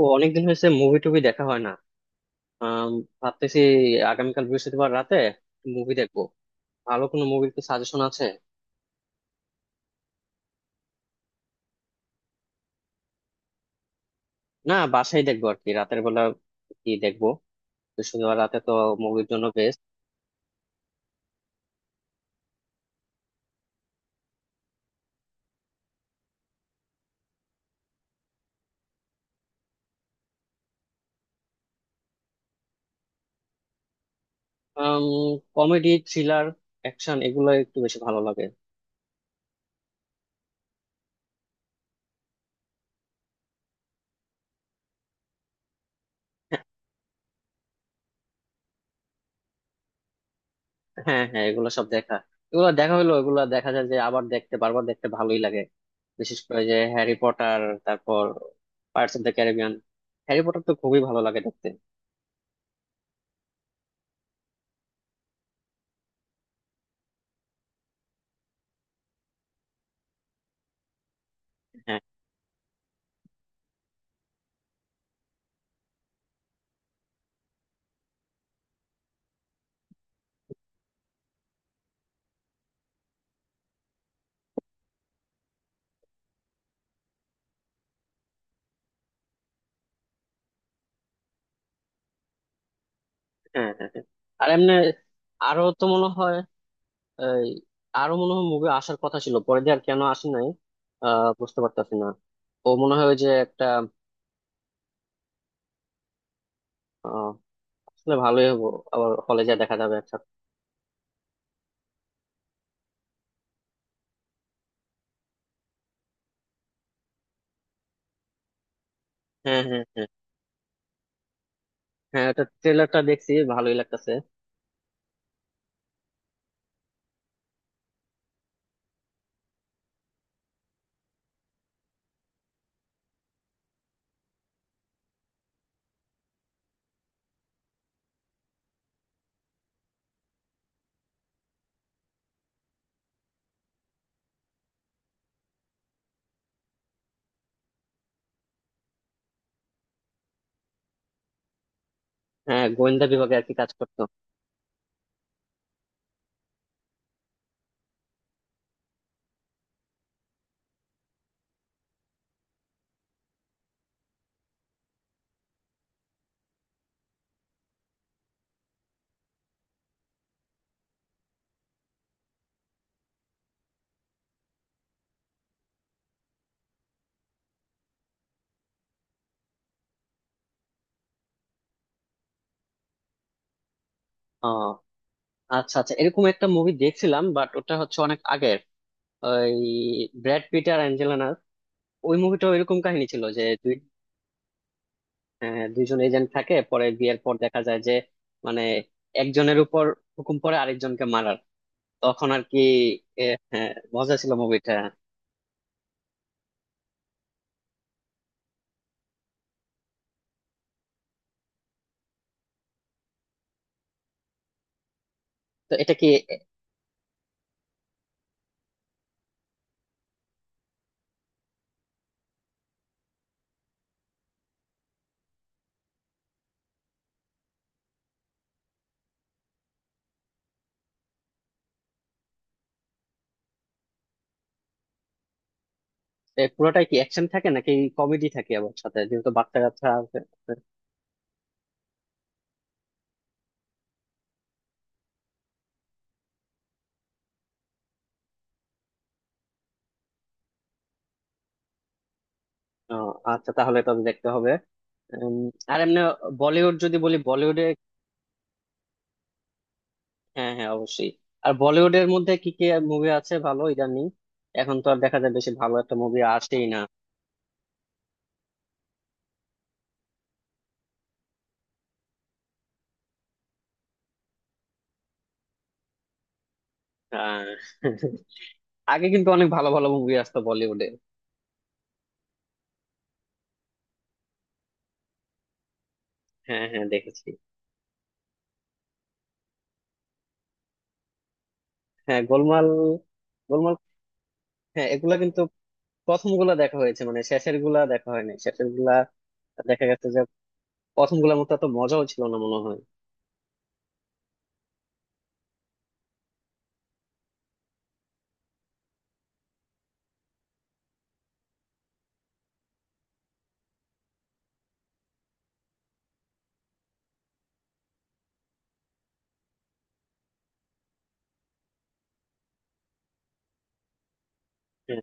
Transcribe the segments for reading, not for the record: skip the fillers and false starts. ও, অনেকদিন হয়েছে মুভি টুভি দেখা হয় না। আম, ভাবতেছি আগামীকাল বৃহস্পতিবার রাতে মুভি দেখবো। ভালো কোনো মুভির কি সাজেশন আছে? না, বাসায় দেখবো আর কি, রাতের বেলা কি দেখবো? বৃহস্পতিবার রাতে তো মুভির জন্য বেস্ট। কমেডি, থ্রিলার, অ্যাকশন এগুলো একটু বেশি ভালো লাগে। হ্যাঁ হ্যাঁ, এগুলো সব দেখা। এগুলো দেখা হলো, এগুলো দেখা যায় যে, আবার দেখতে বারবার দেখতে ভালোই লাগে। বিশেষ করে যে হ্যারি পটার, তারপর Pirates of the Caribbean, Harry Potter তো খুবই ভালো লাগে দেখতে। হ্যাঁ হ্যাঁ হ্যাঁ। আর এমনি আরো তো মনে হয়, এই আরো মনে হয় মুভি আসার কথা ছিল পরে, দিয়ে আর কেন আসে নাই। বুঝতে পারতাছি না। ও মনে হয় ওই যে একটা। আহ, আসলে ভালোই হবো, আবার হলে যা দেখা যাবে একসাথে। হ্যাঁ হ্যাঁ হ্যাঁ। হ্যাঁ, এটা ট্রেলারটা দেখছি, ভালোই লাগতেছে। হ্যাঁ, গোয়েন্দা বিভাগে আর কি কাজ করতো। ও আচ্ছা আচ্ছা, এরকম একটা মুভি দেখছিলাম, বাট ওটা হচ্ছে অনেক আগের। ওই ব্র্যাড পিট আর অ্যাঞ্জেলিনার ওই মুভিটা, এরকম কাহিনী ছিল যে, হ্যাঁ, দুইজন এজেন্ট থাকে, পরে বিয়ের পর দেখা যায় যে মানে একজনের উপর হুকুম পড়ে আরেকজনকে মারার, তখন আর কি। এ, হ্যাঁ মজা ছিল মুভিটা। তো এটা কি, এ, এ, পুরোটাই কি অ্যাকশন থাকে নাকি কমেডি থাকে আবার সাথে, যেহেতু বাচ্চা কাচ্চা আছে। ও, আচ্ছা তাহলে তবে দেখতে হবে। উম, আর এমনি বলিউড যদি বলি, বলিউডে হ্যাঁ হ্যাঁ অবশ্যই। আর বলিউডের মধ্যে কি কি মুভি আছে ভালো ইদানিং? এখন তো আর দেখা যায় বেশি, ভালো একটা মুভি আসেই না। আহ, আগে কিন্তু অনেক ভালো ভালো মুভি আসতো বলিউডে। হ্যাঁ হ্যাঁ দেখেছি। হ্যাঁ গোলমাল। গোলমাল। হ্যাঁ এগুলা কিন্তু প্রথম গুলা দেখা হয়েছে, মানে শেষের গুলা দেখা হয়নি। শেষের গুলা দেখা গেছে যে প্রথম গুলার মতো এত মজাও ছিল না মনে হয়। হ্যাঁ,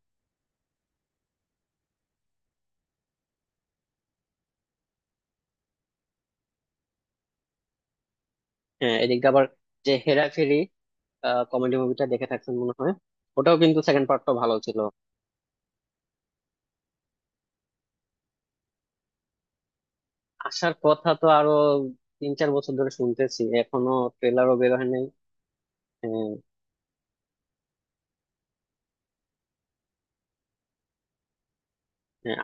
হ্যাঁ এদিকে আবার যে হেরাফেরি কমেডি মুভিটা দেখে থাকছেন মনে হয়। ওটাও কিন্তু সেকেন্ড পার্টটা ভালো ছিল। আসার কথা তো আরো 3 4 বছর ধরে শুনতেছি, এখনো ট্রেলারও বের হয় নাই। হ্যাঁ। হ্যাঁ,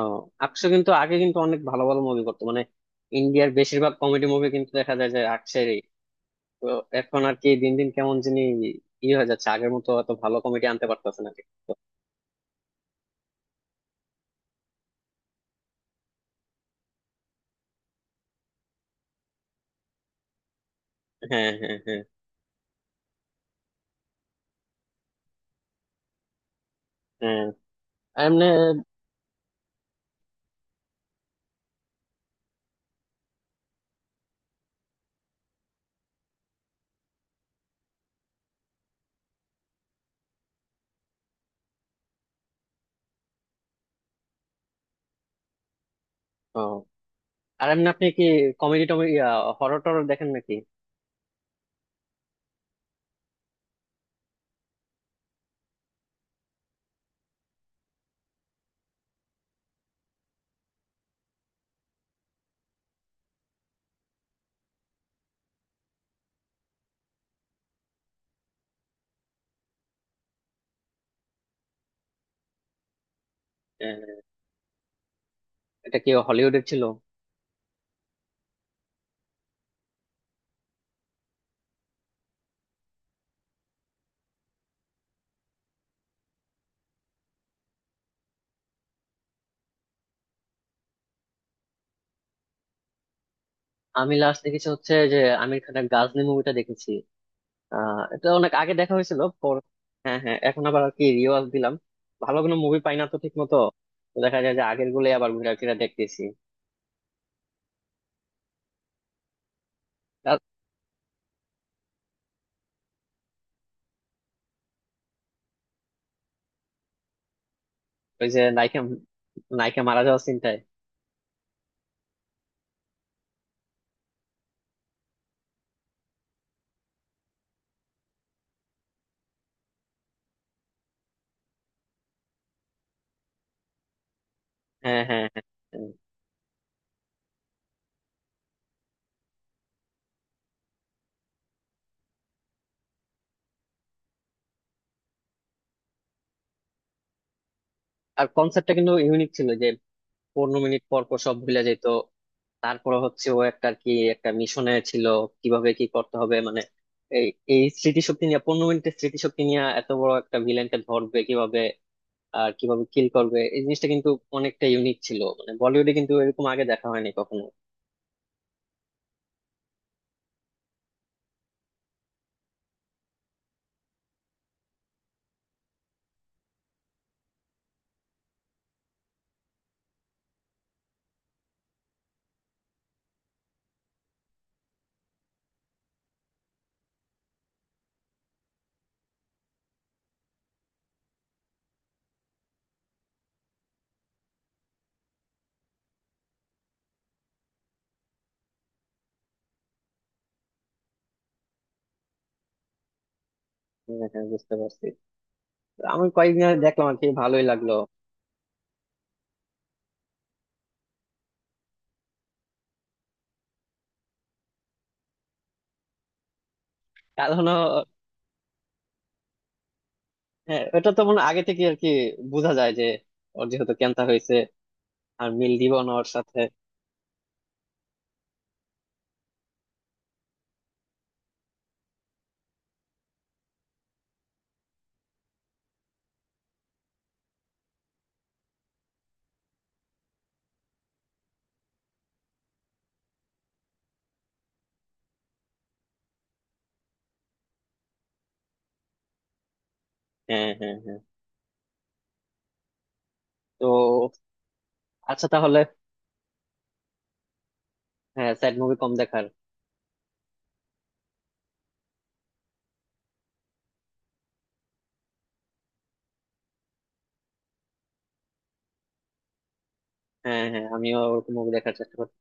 ও আকশো কিন্তু আগে কিন্তু অনেক ভালো ভালো মুভি করতো। মানে ইন্ডিয়ার বেশিরভাগ কমেডি মুভি কিন্তু দেখা যায় যে আকশেরই। তো এখন আর কি দিন দিন কেমন যিনি ই হয়ে যাচ্ছে, আগের মতো অত ভালো কমেডি আনতে পারতেছে না ঠিক, তো, হ্যাঁ হ্যাঁ হ্যাঁ। হ্যাঁ, আর এমনি। ও, আর এমনি আপনি কি কমেডি টমেডি, হরর টরর দেখেন নাকি? আহ, এটা কি হলিউডের ছিল? আমি লাস্ট দেখেছি হচ্ছে যে আমির খানের গাজনি মুভিটা দেখেছি। আহ, এটা অনেক আগে দেখা হয়েছিল পর। হ্যাঁ হ্যাঁ, এখন আবার আর কি রিওয়াজ দিলাম। ভালো কোনো মুভি পাই না তো ঠিক মতো। তো দেখা যায় যে আগের গুলোই আবার ঘুরে ফিরে দেখতেছি। আর ওই যে নায়িকা, নায়িকা মারা যাওয়ার চিন্তায়। হ্যাঁ হ্যাঁ হ্যাঁ। হ্যাঁ। আর কনসেপ্টটা কিন্তু ইউনিক ছিল যে 15 মিনিট পর পর সব ভুলে যেত। তারপরে হচ্ছে ও একটা আর কি একটা মিশনে ছিল, কিভাবে কি করতে হবে, মানে এই এই স্মৃতিশক্তি নিয়ে, 15 মিনিটের স্মৃতিশক্তি নিয়ে এত বড় একটা ভিলেনকে ধরবে কিভাবে আর কিভাবে কিল করবে। এই জিনিসটা কিন্তু অনেকটা ইউনিক ছিল, মানে বলিউডে কিন্তু এরকম আগে দেখা হয়নি কখনো। হ্যাঁ, বুঝতে পারছি। তো আমি কয়েকদিন আগে দেখলাম আর কি, ভালোই লাগলো। কারণ হ্যাঁ, এটা তো মনে হয় আগে থেকে আর কি বোঝা যায় যে ওর যেহেতু ক্যান্সার হয়েছে আর মিল দিবন ওর সাথে। হ্যাঁ হ্যাঁ হ্যাঁ। তো আচ্ছা তাহলে, হ্যাঁ স্যাড মুভি কম দেখার। হ্যাঁ হ্যাঁ, আমিও ওরকম মুভি দেখার চেষ্টা করছি।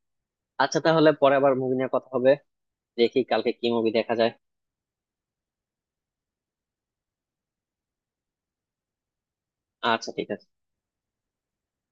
আচ্ছা তাহলে পরে আবার মুভি নিয়ে কথা হবে, দেখি কালকে কি মুভি দেখা যায়। আচ্ছা ঠিক আছে।